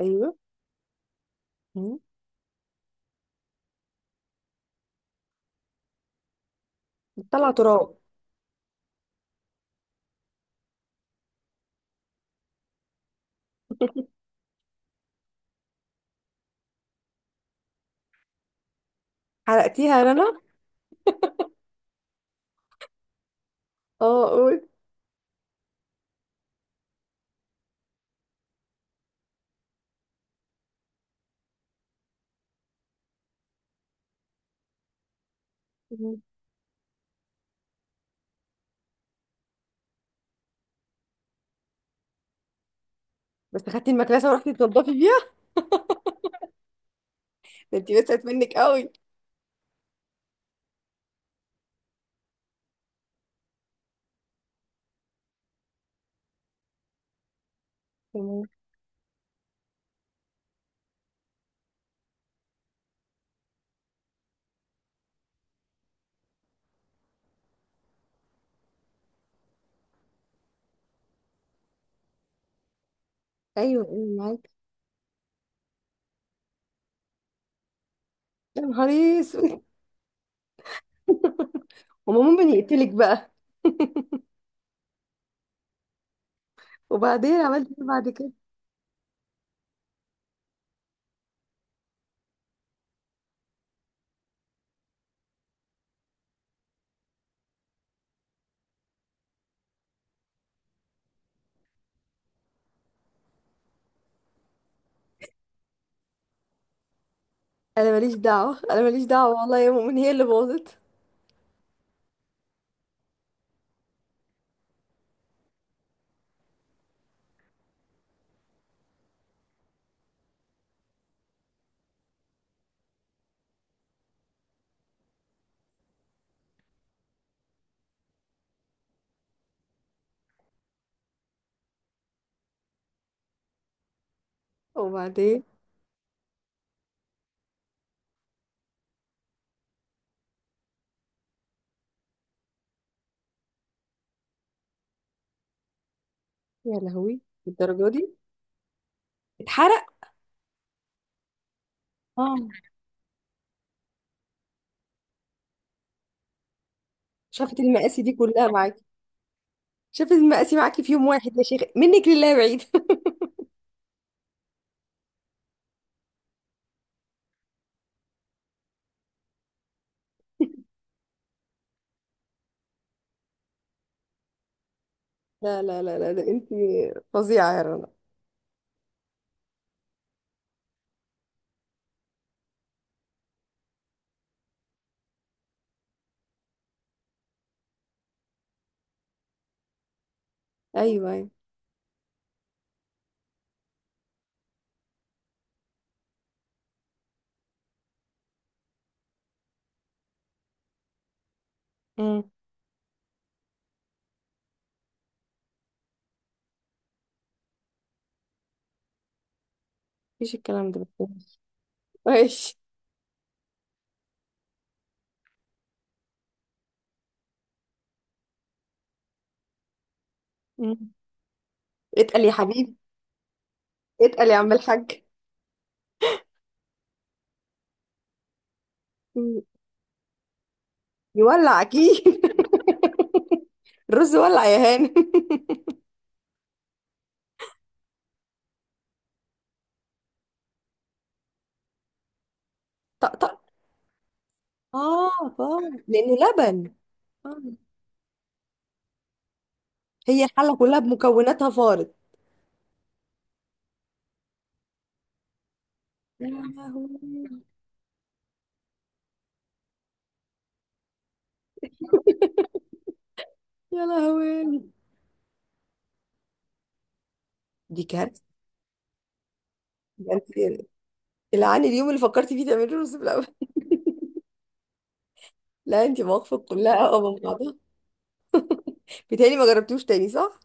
ايوه. مم. بتطلع تراب. حرقتيها يا رنا. اه، قول. مم. بس خدتي المكنسه ورحتي تنضفي بيها؟ ده انت وسعت منك قوي. تمام. ايوه ايوه، معاك. يا نهار اسود. وما مؤمن يقتلك بقى؟ وبعدين عملت ايه بعد كده؟ انا ماليش دعوه، انا ماليش دعوه، والله يا مؤمن هي اللي باظت. وبعدين؟ يا لهوي. الدرجه دي اتحرق؟ اه. شافت المقاسي دي كلها معاكي. شافت المقاسي معاكي في يوم واحد، يا شيخ منك لله بعيد. لا لا لا لا، ده انت فظيعه يا رنا. ايوه. ايوه. مفيش الكلام ده بس؟ ماشي. مم. اتقل يا حبيبي. اتقل يا عم الحاج. مم. يولع اكيد. الرز ولع يا هاني. طقطق. اه، فار. لانه لبن. آه. هي الحله كلها بمكوناتها فارت. يا لهوي. يا لهوي. دي كارثه. ده انت. العاني اليوم اللي فكرتي فيه تعملي رز بلبن. لا، انت مواقفك كلها اه مع بعضها. بيتهيألي ما جربتوش تاني، صح؟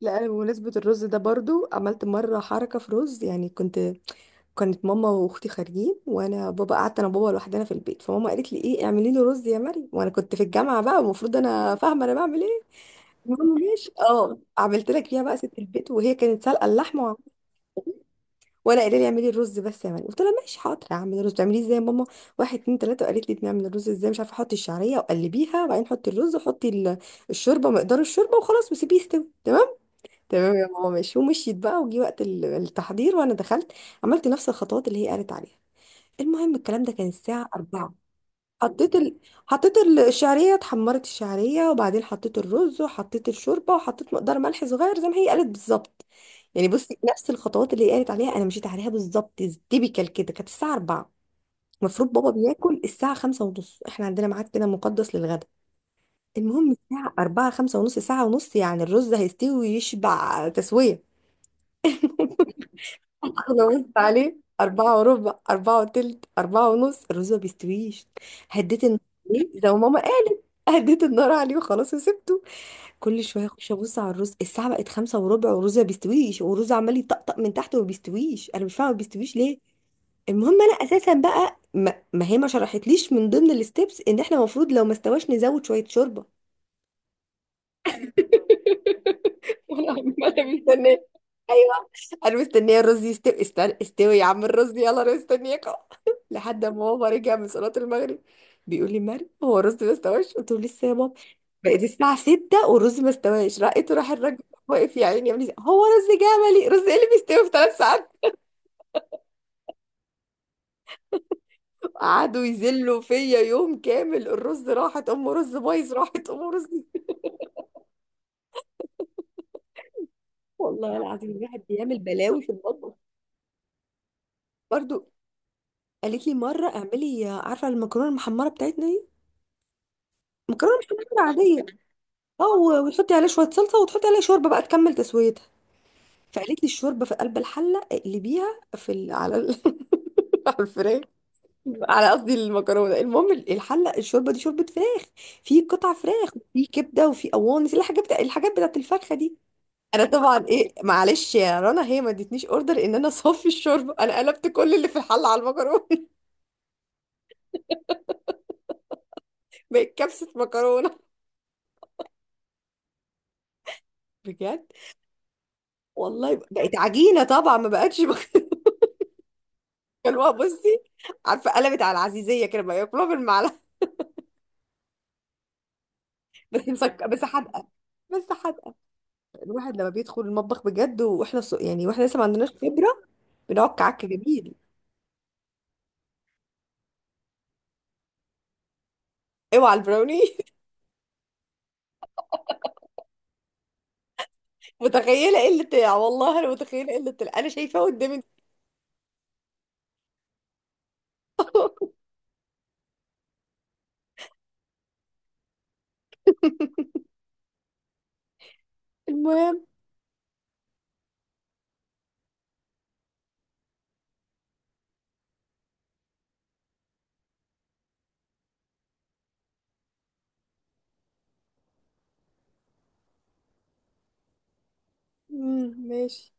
لا، انا بمناسبة الرز ده برضو عملت مرة حركة في رز. يعني كنت، كانت ماما واختي خارجين وانا بابا، قعدت انا وبابا لوحدنا في البيت، فماما قالت لي ايه، اعملي له رز يا مريم، وانا كنت في الجامعة بقى، المفروض انا فاهمة انا بعمل ايه. المهم ماشي، اه، عملت لك فيها بقى ست البيت، وهي كانت سالقة اللحمة وانا قايله لي اعملي الرز بس يا مريم، قلت لها ماشي حاضر هعمل الرز، تعمليه ازاي يا ماما؟ واحد اتنين تلاته، وقالت لي بنعمل الرز ازاي، مش عارفه، احطي الشعريه وقلبيها وبعدين حطي الرز وحطي الشوربه، مقدار الشوربه وخلاص وسيبيه يستوي تمام. تمام يا ماما، ماشي، ومشيت بقى. وجي وقت التحضير وانا دخلت، عملت نفس الخطوات اللي هي قالت عليها. المهم الكلام ده كان الساعة 4. حطيت ال... حطيت الشعرية، اتحمرت الشعرية، وبعدين حطيت الرز وحطيت الشوربة وحطيت مقدار ملح صغير زي ما هي قالت بالظبط. يعني بصي، نفس الخطوات اللي هي قالت عليها انا مشيت عليها بالظبط. تيبيكال كده، كانت الساعة 4، المفروض بابا بياكل الساعة 5 ونص، احنا عندنا ميعاد كده مقدس للغدا. المهم الساعة 4، 5 ونص، ساعة ونص يعني الرز هيستوي ويشبع تسوية. انا بصت عليه، أربعة وربع، أربعة وتلت، أربعة ونص، الرز ما بيستويش. هديت النار عليه زي ما ماما قالت، هديت النار عليه وخلاص وسبته. كل شوية أخش أبص على الرز، الساعة بقت خمسة وربع والرز ما بيستويش، والرز عمال يطقطق من تحت وما بيستويش، أنا مش فاهمة ما بيستويش ليه. المهم أنا أساسا بقى، ما هي ما شرحتليش من ضمن الستبس إن إحنا المفروض لو ما استواش نزود شوية شوربة، وانا عماله مستنيه. ايوه، انا مستنيه الرز يستوي، استنى استوي يا عم الرز، يلا انا مستنياكم. لحد ما بابا رجع من صلاه المغرب، بيقول لي مريم هو الرز ما استواش؟ قلت له لسه يا بابا. بقت الساعه 6 والرز ما استواش، رقيته، راح الراجل واقف يا عيني يعمل إيه؟ هو رز جملي؟ رز ايه اللي بيستوي في 3 ساعات؟ قعدوا يذلوا فيا يوم كامل، الرز راحت ام رز، بايظ راحت ام رز. والله العظيم الواحد بيعمل بلاوي في المطبخ. برضو قالت لي مره اعملي، عارفه المكرونه المحمره بتاعتنا، مكرونه بشاميل عاديه. اه، وتحطي عليها شويه صلصه وتحطي عليها شوربه بقى تكمل تسويتها. فقالت لي الشوربه في قلب الحله اقلبيها في ال... على ال... على الفراخ، على قصدي المكرونه. المهم الحله، الشوربه دي شوربه فراخ، في قطع فراخ وفي كبده وفي قوانص، الحاجات بتاع الحاجات بتاعت الفرخه دي. انا طبعا ايه، معلش يا رنا، هي ما ادتنيش اوردر ان انا اصفي الشوربه، انا قلبت كل اللي في الحله على المكرونه. بقت كبسه مكرونه، بجد. والله بقت عجينه طبعا ما بقتش. كانوا بصي، عارفه، قلبت على العزيزيه كده بقى ياكلوها بالمعلقه. بس مسك، بس حادقه، بس حادقه. الواحد لما بيدخل المطبخ بجد، واحنا يعني واحنا لسه ما عندناش خبره، بنقعد كعك جميل. اوعى البراوني. متخيله قله والله انا متخيله قله انا شايفاه قدامي. المهم، مم، ماشي.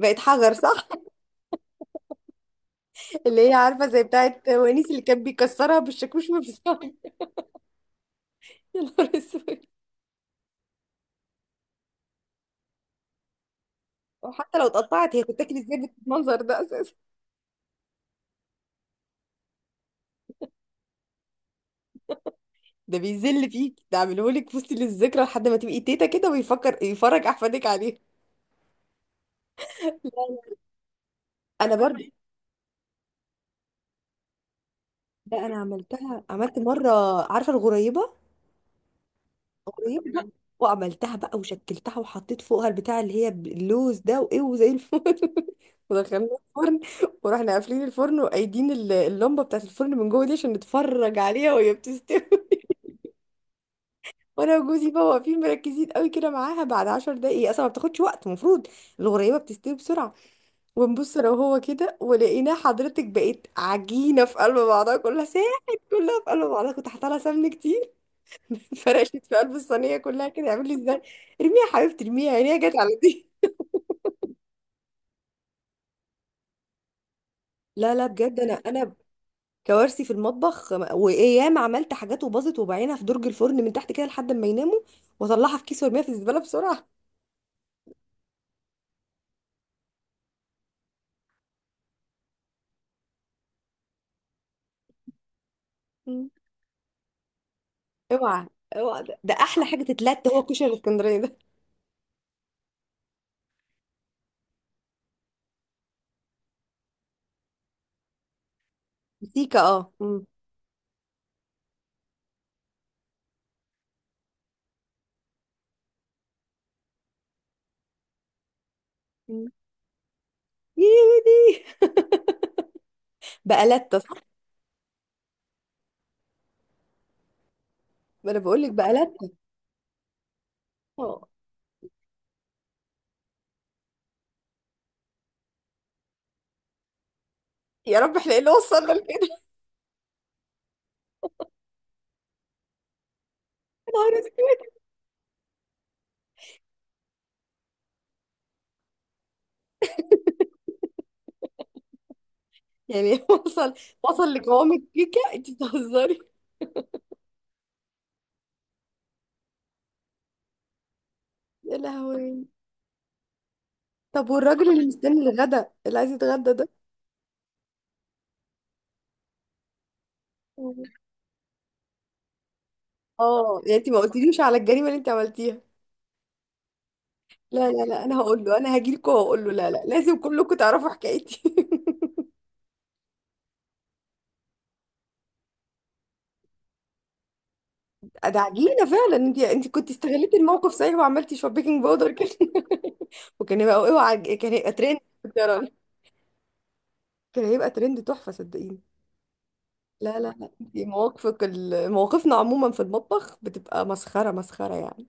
بقت حجر، صح؟ اللي هي عارفه زي بتاعت ونيس اللي كان بيكسرها بالشاكوش ما بيساوي. يا نهار اسود. وحتى لو اتقطعت، هي بتاكل ازاي بالمنظر ده اساسا؟ ده بيذل فيك، ده عاملهولك في وسط الذكرى لحد ما تبقي تيتا كده ويفكر يفرج احفادك عليه. انا برضه، لا انا عملتها، عملت مره، عارفه الغريبه؟ الغريبه بقى، وعملتها بقى وشكلتها وحطيت فوقها البتاع اللي هي اللوز ده وايه، وزي الفل. ودخلناه الفرن، ورحنا قافلين الفرن وقايدين اللمبه بتاعت الفرن من جوه دي عشان نتفرج عليها وهي بتستوي. وانا وجوزي بقى واقفين مركزين قوي كده معاها، بعد 10 دقايق، هي اصلا ما بتاخدش وقت المفروض، الغريبه بتستوي بسرعه. ونبص لو هو كده، ولقينا حضرتك بقت عجينة في قلب بعضها، كلها ساحت، كلها في قلب بعضها، كنت حاطه لها سمن كتير. فرشت في قلب الصينية كلها كده، يعمل لي ازاي؟ ارميها يا حبيبتي، ارميها، عينيها جت على دي. لا لا بجد، انا كوارثي في المطبخ، وايام عملت حاجات وباظت وبعينها في درج الفرن من تحت كده لحد ما يناموا، واطلعها في كيس وارميها في الزبالة بسرعة. مم. اوعى، اوعى، ده احلى حاجة تتلات هو الكشري الاسكندراني ده. سيكا، اه. مم. مم. يودي، بقلت. ما انا بقول لك بقى لتة. اه. يا رب احنا ايه اللي وصلنا لكده. يا نهار اسود. يعني وصل، وصل لقوام الكيكه؟ انت بتهزري. يا لهوي. طب والراجل اللي مستني الغدا اللي عايز يتغدى ده؟ اه، يعني انت ما قلتليش على الجريمه اللي انت عملتيها. لا لا لا، انا هقول له، انا هاجي لكم وهقول له، لا لا لازم كلكم تعرفوا حكايتي. ده عجينه فعلا، انت، انت كنت استغلتي الموقف صحيح وعملتي شويه بيكنج باودر كده. وكان هيبقى، اوعى، كان هيبقى ترند، كنت أرى. كان هيبقى ترند تحفه، صدقيني. لا لا لا، دي مواقفك مواقفنا عموما في المطبخ بتبقى مسخرة مسخرة يعني.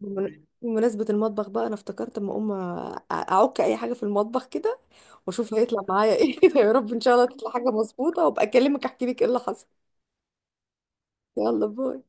بمناسبة المطبخ بقى، أنا افتكرت أما أقوم، أ- أعك أي حاجة في المطبخ كده وأشوف هيطلع معايا إيه. يا رب إن شاء الله تطلع حاجة مظبوطة وأبقى أكلمك أحكي لك إيه اللي حصل. يلا، باي.